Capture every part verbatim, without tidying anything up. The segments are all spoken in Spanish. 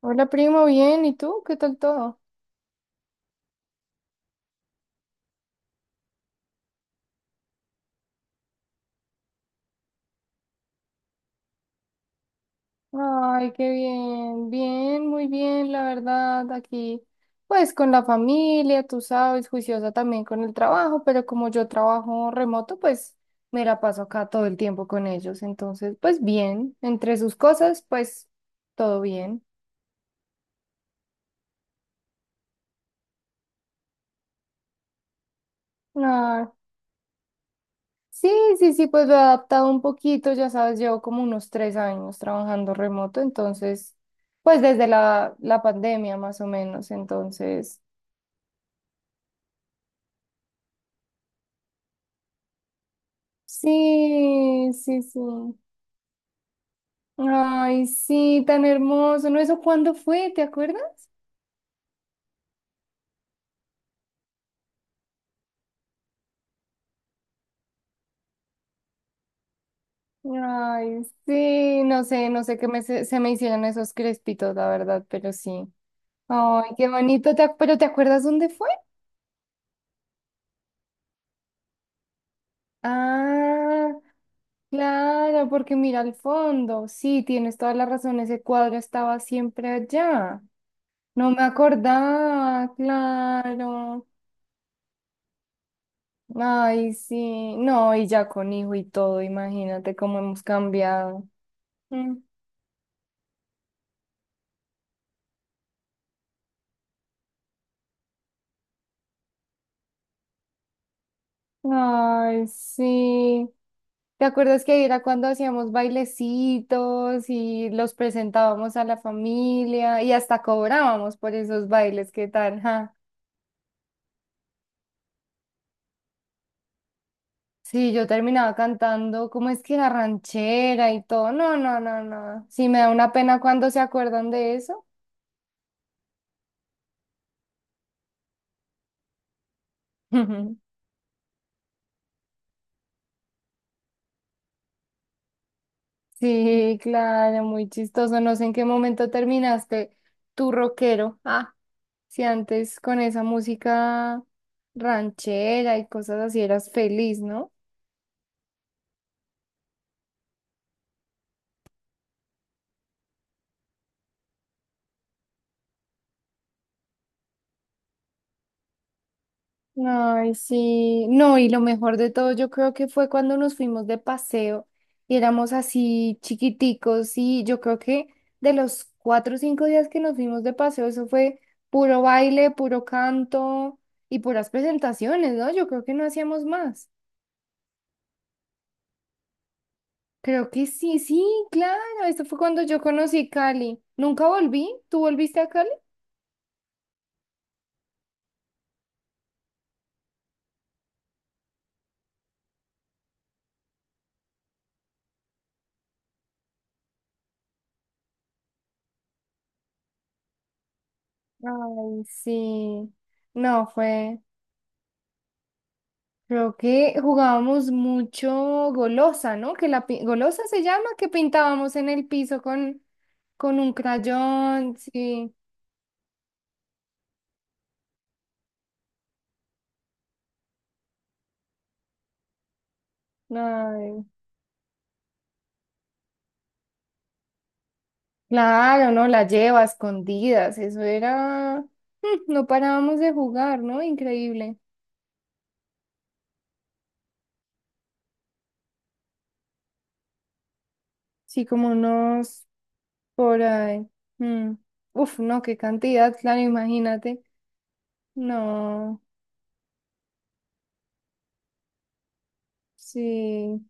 Hola primo, bien, ¿y tú? ¿Qué tal todo? Ay, qué bien, bien, muy bien, la verdad, aquí, pues con la familia, tú sabes, juiciosa también con el trabajo, pero como yo trabajo remoto, pues me la paso acá todo el tiempo con ellos, entonces, pues bien, entre sus cosas, pues todo bien. Ah, sí, sí, sí, pues lo he adaptado un poquito, ya sabes, llevo como unos tres años trabajando remoto, entonces... Pues desde la, la pandemia más o menos, entonces, Sí, sí, sí. Ay, sí, tan hermoso. ¿No? ¿Eso cuándo fue? ¿Te acuerdas? Ay, sí, no sé, no sé qué me, se se me hicieron esos crespitos, la verdad, pero sí. Ay, qué bonito. ¿Te ac- ¿Pero te acuerdas dónde fue? Ah, claro, porque mira al fondo. Sí, tienes toda la razón. Ese cuadro estaba siempre allá. No me acordaba, claro. Ay, sí, no, y ya con hijo y todo, imagínate cómo hemos cambiado. Mm. Ay, sí. ¿Te acuerdas que era cuando hacíamos bailecitos y los presentábamos a la familia y hasta cobrábamos por esos bailes? ¿Qué tal? ¿ja? Sí, yo terminaba cantando, ¿cómo es que la ranchera y todo? No, no, no, no. Sí, me da una pena cuando se acuerdan de eso. Sí, claro, muy chistoso. No sé en qué momento terminaste tu rockero. Ah, si antes con esa música ranchera y cosas así eras feliz, ¿no? Ay, sí. No, y lo mejor de todo, yo creo que fue cuando nos fuimos de paseo y éramos así chiquiticos y yo creo que de los cuatro o cinco días que nos fuimos de paseo, eso fue puro baile, puro canto y puras presentaciones, ¿no? Yo creo que no hacíamos más. Creo que sí, sí, claro. Esto fue cuando yo conocí Cali. ¿Nunca volví? ¿Tú volviste a Cali? Ay, sí. No, fue. Creo que jugábamos mucho golosa, ¿no? Que la pi- golosa se llama, que pintábamos en el piso con, con un crayón, sí. Ay, claro, ¿no? La lleva a escondidas. Eso era. Mm, No parábamos de jugar, ¿no? Increíble. Sí, como unos. Por ahí. Mm. Uf, no, qué cantidad, claro, imagínate. No, sí.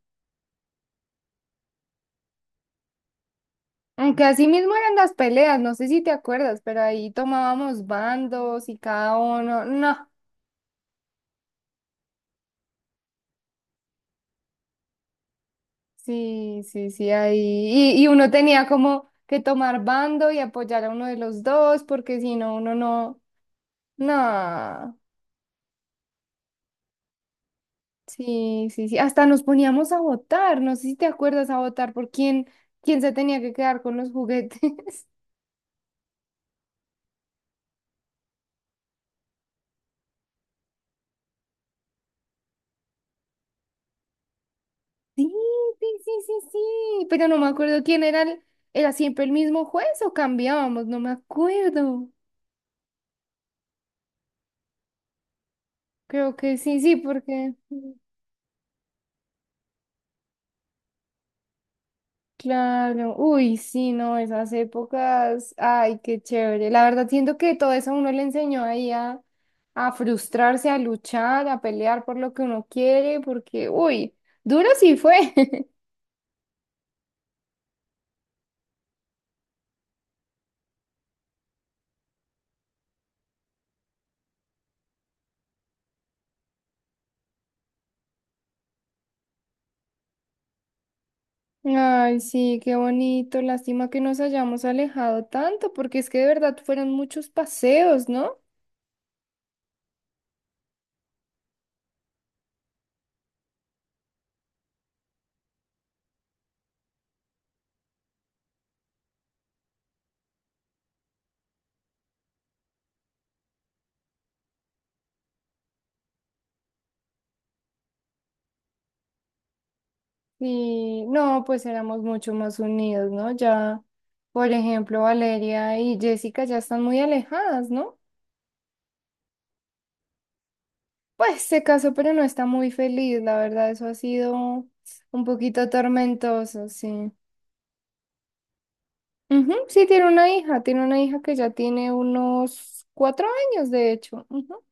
Aunque así mismo eran las peleas, no sé si te acuerdas, pero ahí tomábamos bandos y cada uno, no, sí, sí, sí, ahí. Y, y uno tenía como que tomar bando y apoyar a uno de los dos, porque si no, uno no, no, sí, sí, sí. Hasta nos poníamos a votar, no sé si te acuerdas a votar por quién, quién se tenía que quedar con los juguetes. Sí, sí, sí, sí, sí, pero no me acuerdo quién era el, era siempre el mismo juez o cambiábamos, no me acuerdo. Creo que sí, sí, porque claro, uy, sí, no, esas épocas, ay, qué chévere. La verdad siento que todo eso a uno le enseñó ahí a, a frustrarse, a luchar, a pelear por lo que uno quiere, porque, uy, duro sí fue. Ay, sí, qué bonito. Lástima que nos hayamos alejado tanto, porque es que de verdad fueron muchos paseos, ¿no? Y no, pues éramos mucho más unidos, ¿no? Ya, por ejemplo, Valeria y Jessica ya están muy alejadas, ¿no? Pues se casó, pero no está muy feliz, la verdad, eso ha sido un poquito tormentoso, sí. Ujú, sí, tiene una hija, tiene una hija que ya tiene unos cuatro años, de hecho. Ujú.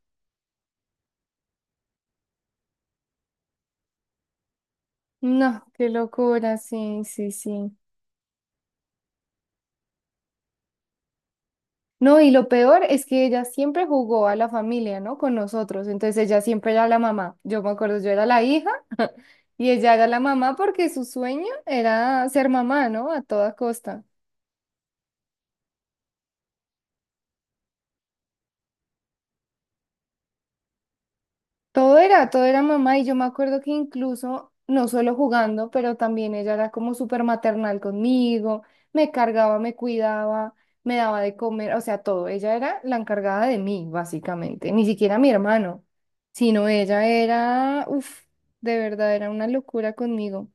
No, qué locura, sí, sí, sí. No, y lo peor es que ella siempre jugó a la familia, ¿no? Con nosotros, entonces ella siempre era la mamá. Yo me acuerdo, yo era la hija. Y ella era la mamá porque su sueño era ser mamá, ¿no? A toda costa. Todo era, todo era mamá y yo me acuerdo que incluso, no solo jugando, pero también ella era como súper maternal conmigo, me cargaba, me cuidaba, me daba de comer, o sea, todo. Ella era la encargada de mí, básicamente, ni siquiera mi hermano, sino ella era, uff, de verdad, era una locura conmigo.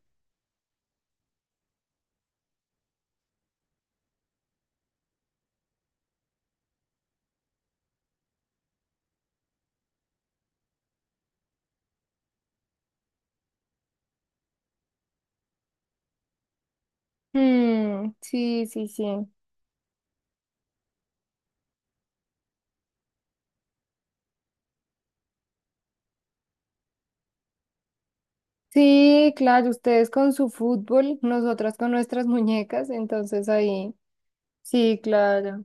Mm, sí, sí, sí. Sí, claro, ustedes con su fútbol, nosotras con nuestras muñecas, entonces ahí, sí, claro.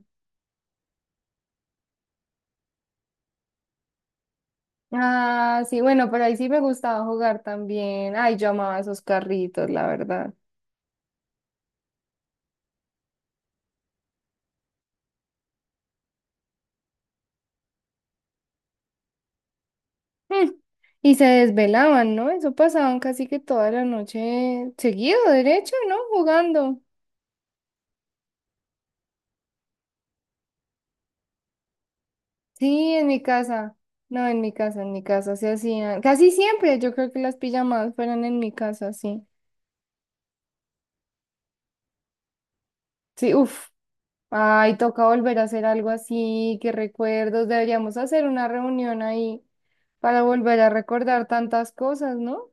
Ah, sí, bueno, por ahí sí me gustaba jugar también. Ay, yo amaba esos carritos, la verdad. Mm, Y se desvelaban, ¿no? Eso pasaban casi que toda la noche seguido, derecho, ¿no? Jugando. Sí, en mi casa. No, en mi casa, en mi casa se hacían. Casi siempre, yo creo que las pijamadas fueran en mi casa, sí. Sí, uff. Ay, toca volver a hacer algo así, qué recuerdos. Deberíamos hacer una reunión ahí para volver a recordar tantas cosas, ¿no?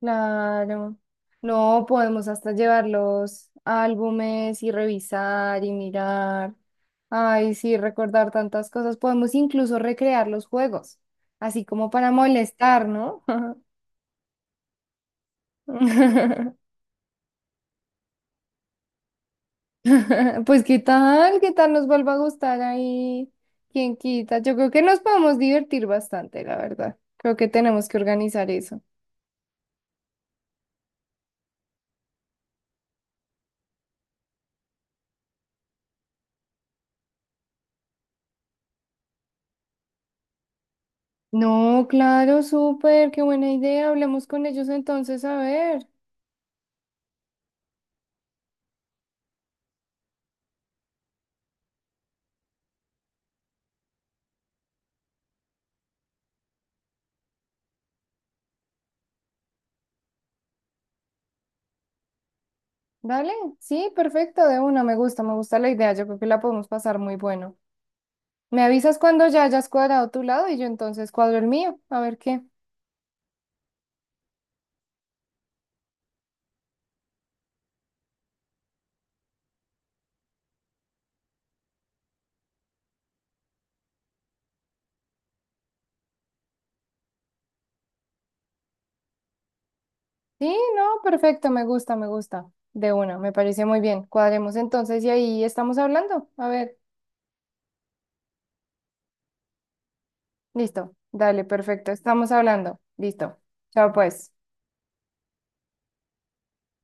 Claro. No, podemos hasta llevar los álbumes y revisar y mirar. Ay, sí, recordar tantas cosas. Podemos incluso recrear los juegos, así como para molestar, ¿no? Pues qué tal, qué tal nos vuelva a gustar ahí, quién quita. Yo creo que nos podemos divertir bastante, la verdad. Creo que tenemos que organizar eso. No, claro, súper, qué buena idea. Hablemos con ellos entonces, a ver. Dale, sí, perfecto, de una, me gusta, me gusta la idea. Yo creo que la podemos pasar muy bueno. Me avisas cuando ya hayas cuadrado tu lado y yo entonces cuadro el mío, a ver qué. Sí, no, perfecto, me gusta, me gusta. De una, me parece muy bien. Cuadremos entonces y ahí estamos hablando. A ver. Listo, dale, perfecto, estamos hablando. Listo. Chao pues.